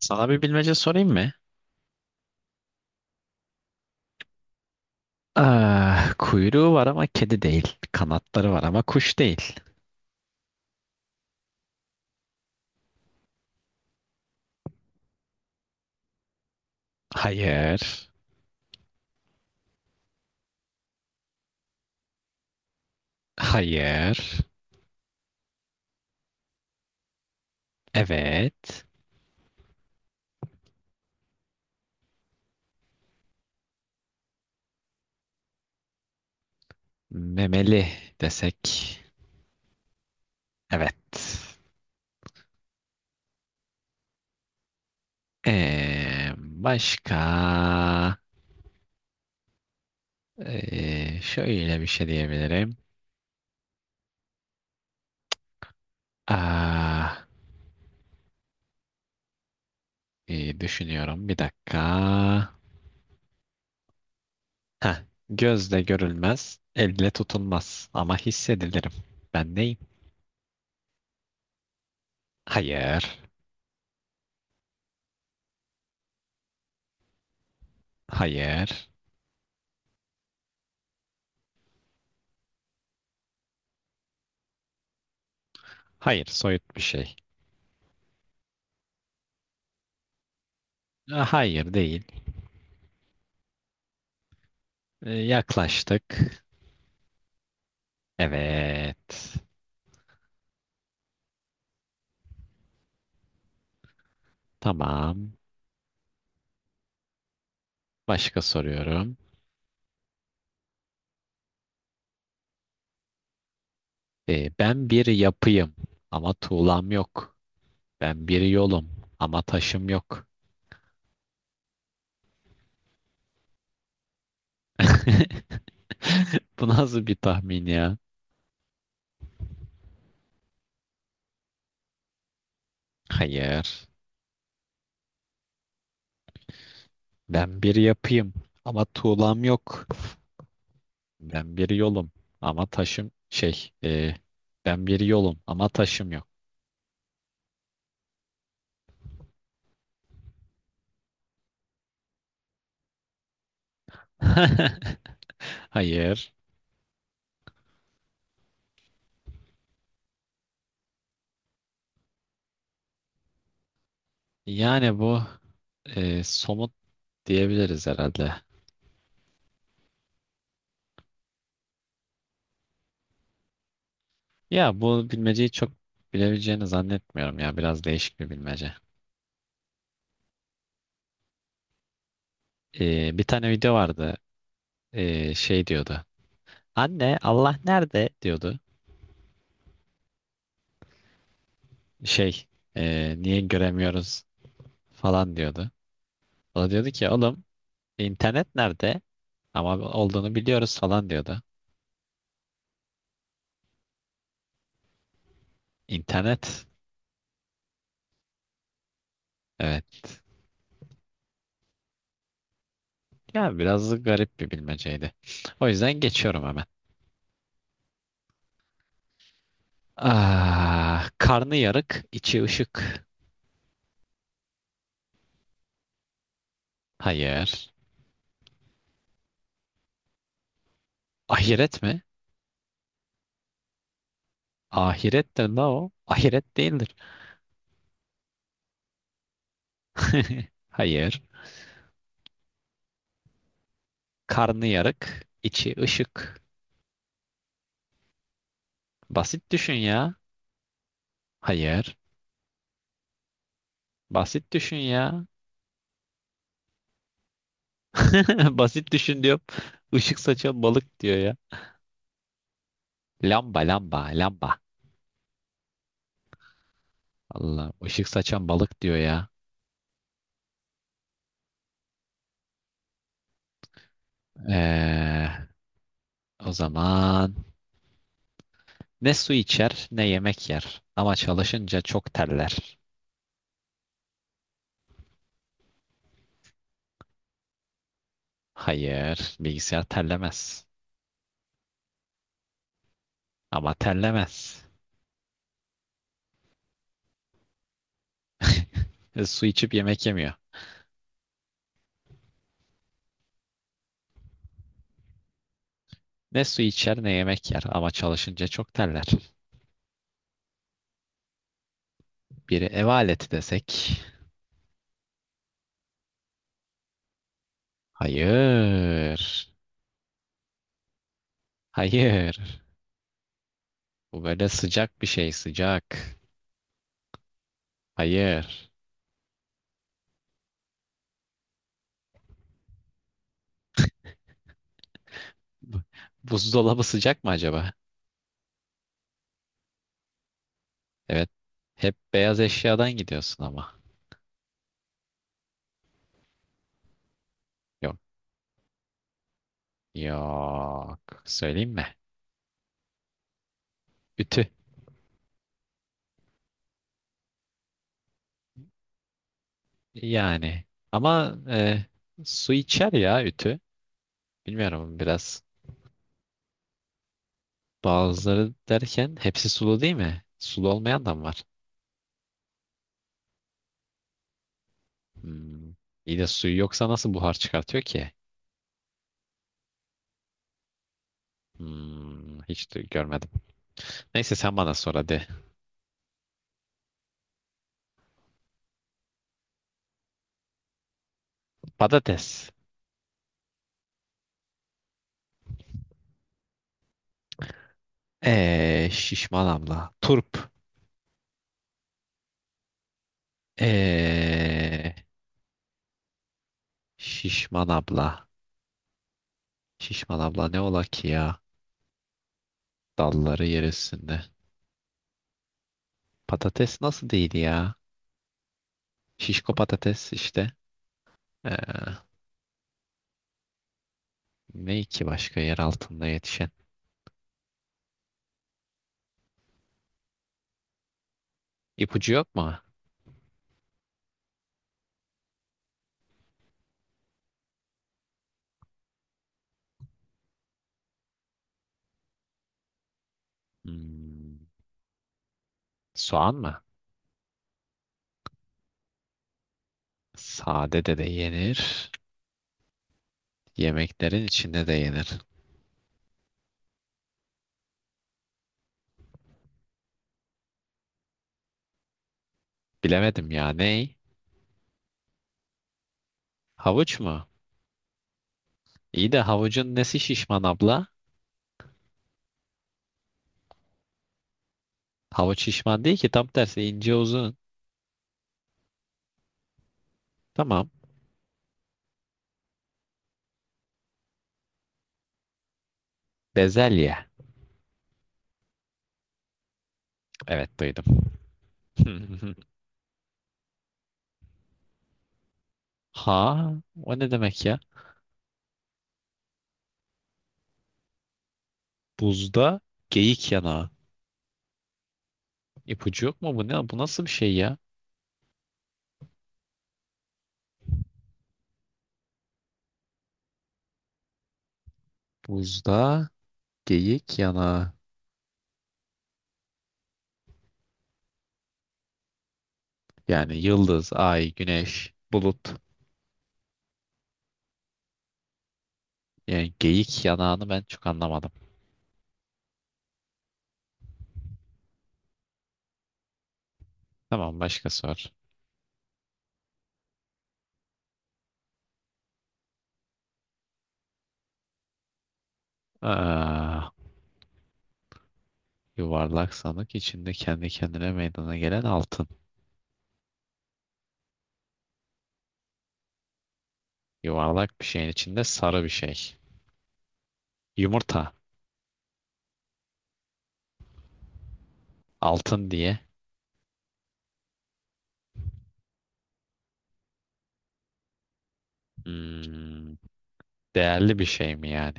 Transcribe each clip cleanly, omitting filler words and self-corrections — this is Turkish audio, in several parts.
Sana bir bilmece sorayım mı? Kuyruğu var ama kedi değil. Kanatları var ama kuş değil. Hayır. Hayır. Evet. Memeli desek. Evet. Başka? Şöyle bir şey diyebilirim. Ah, iyi düşünüyorum. Bir dakika. Heh, Gözle görülmez, elle tutulmaz ama hissedilirim. Ben neyim? Hayır. Hayır. Hayır, soyut bir şey. Hayır değil. Yaklaştık. Evet. Tamam. Başka soruyorum. Ben bir yapıyım ama tuğlam yok. Ben bir yolum ama taşım yok. Bu nasıl bir tahmin ya? Hayır. Ben bir yapıyım ama tuğlam yok. Ben bir yolum ama ben bir yolum ama taşım yok. Hayır. Yani bu somut diyebiliriz herhalde. Ya bu bilmeceyi çok bilebileceğini zannetmiyorum ya. Biraz değişik bir bilmece. Bir tane video vardı. Şey diyordu. Anne Allah nerede diyordu. Şey Niye göremiyoruz falan diyordu. O da diyordu ki oğlum internet nerede? Ama olduğunu biliyoruz falan diyordu. İnternet. Evet. Ya biraz garip bir bilmeceydi. O yüzden geçiyorum hemen. Karnı yarık, içi ışık. Hayır. Ahiret mi? Ahiret de ne o? Ahiret değildir. Hayır. Karnı yarık, içi ışık. Basit düşün ya. Hayır. Basit düşün ya. Basit düşün diyorum. Işık saçan balık diyor ya. Lamba, lamba, lamba. Allah, ışık saçan balık diyor ya. Ee, o zaman ne su içer, ne yemek yer. Ama çalışınca çok terler. Hayır, bilgisayar terlemez. Ama terlemez. Su içip yemek yemiyor. Ne su içer ne yemek yer ama çalışınca çok terler. Biri ev aleti desek. Hayır. Hayır. Bu böyle sıcak bir şey, sıcak. Hayır. Bu- Buzdolabı sıcak mı acaba? Evet. Hep beyaz eşyadan gidiyorsun ama. Yok. Yok. Söyleyeyim mi? Ütü. Yani. Ama su içer ya ütü. Bilmiyorum biraz. Bazıları derken hepsi sulu değil mi? Sulu olmayan da mı var? Hmm. İyi de suyu yoksa nasıl buhar çıkartıyor ki? Hmm, hiç de görmedim. Neyse sen bana sor hadi. Patates. Şişman abla. Turp. Ee, Şişman abla. Şişman abla ne ola ki ya? Dalları yer üstünde. Patates nasıl değil ya? Şişko patates işte. Ee, Ne ki başka yer altında yetişen? İpucu yok mu? Hmm, soğan mı? Sade de de yenir. Yemeklerin içinde de yenir. Bilemedim ya. Ney? Havuç mu? İyi de havucun nesi şişman abla? Havuç şişman değil ki tam tersi ince uzun. Tamam. Bezelye. Evet duydum. Ha, o ne demek ya? Buzda geyik yanağı. İpucu yok mu bu ne? Bu nasıl bir şey ya? Buzda geyik yanağı. Yani yıldız, ay, güneş, bulut. Yani geyik yanağını ben çok anlamadım. Tamam başka sor. Aa, yuvarlak sandık içinde kendi kendine meydana gelen altın. Yuvarlak bir şeyin içinde sarı bir şey. Yumurta. Altın diye. Hmm, değerli bir şey mi yani?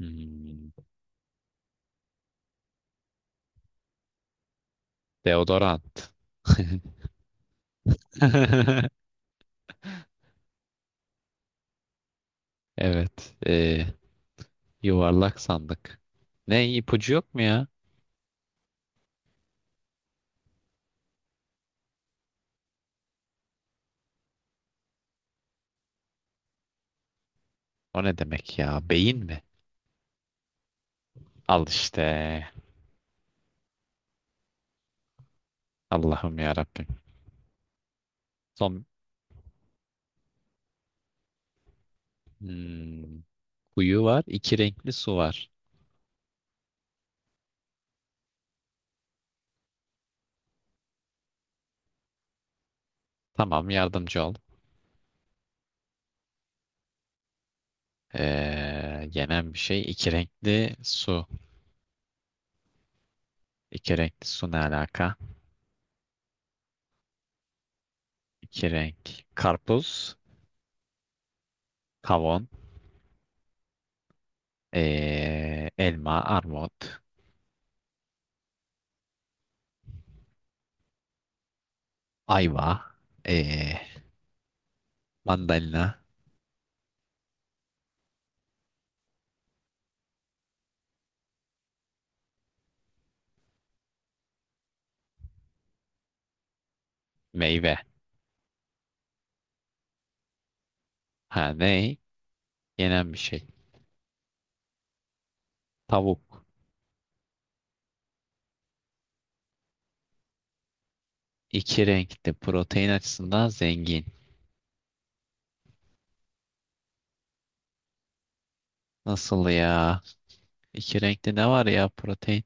Hmm, deodorant. Evet. Yuvarlak sandık. Ne ipucu yok mu ya? O ne demek ya? Beyin mi? Al işte. Allah'ım ya Rabbim. Son hmm, kuyu var. İki renkli su var. Tamam yardımcı ol. Yenen bir şey iki renkli su. İki renkli su ne alaka? İki renk karpuz, kavun, elma, armut, ayva, ee, mandalina, meyve. Ha ne? Yenen bir şey. Tavuk. İki renkli protein açısından zengin. Nasıl ya? İki renkli ne var ya protein?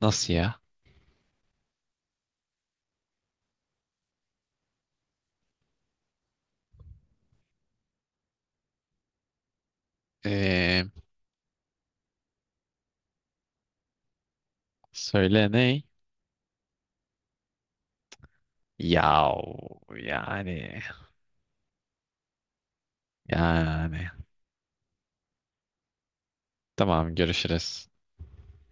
Nasıl ya? Ee, Söyle ne? Yav yani. Yani tamam görüşürüz.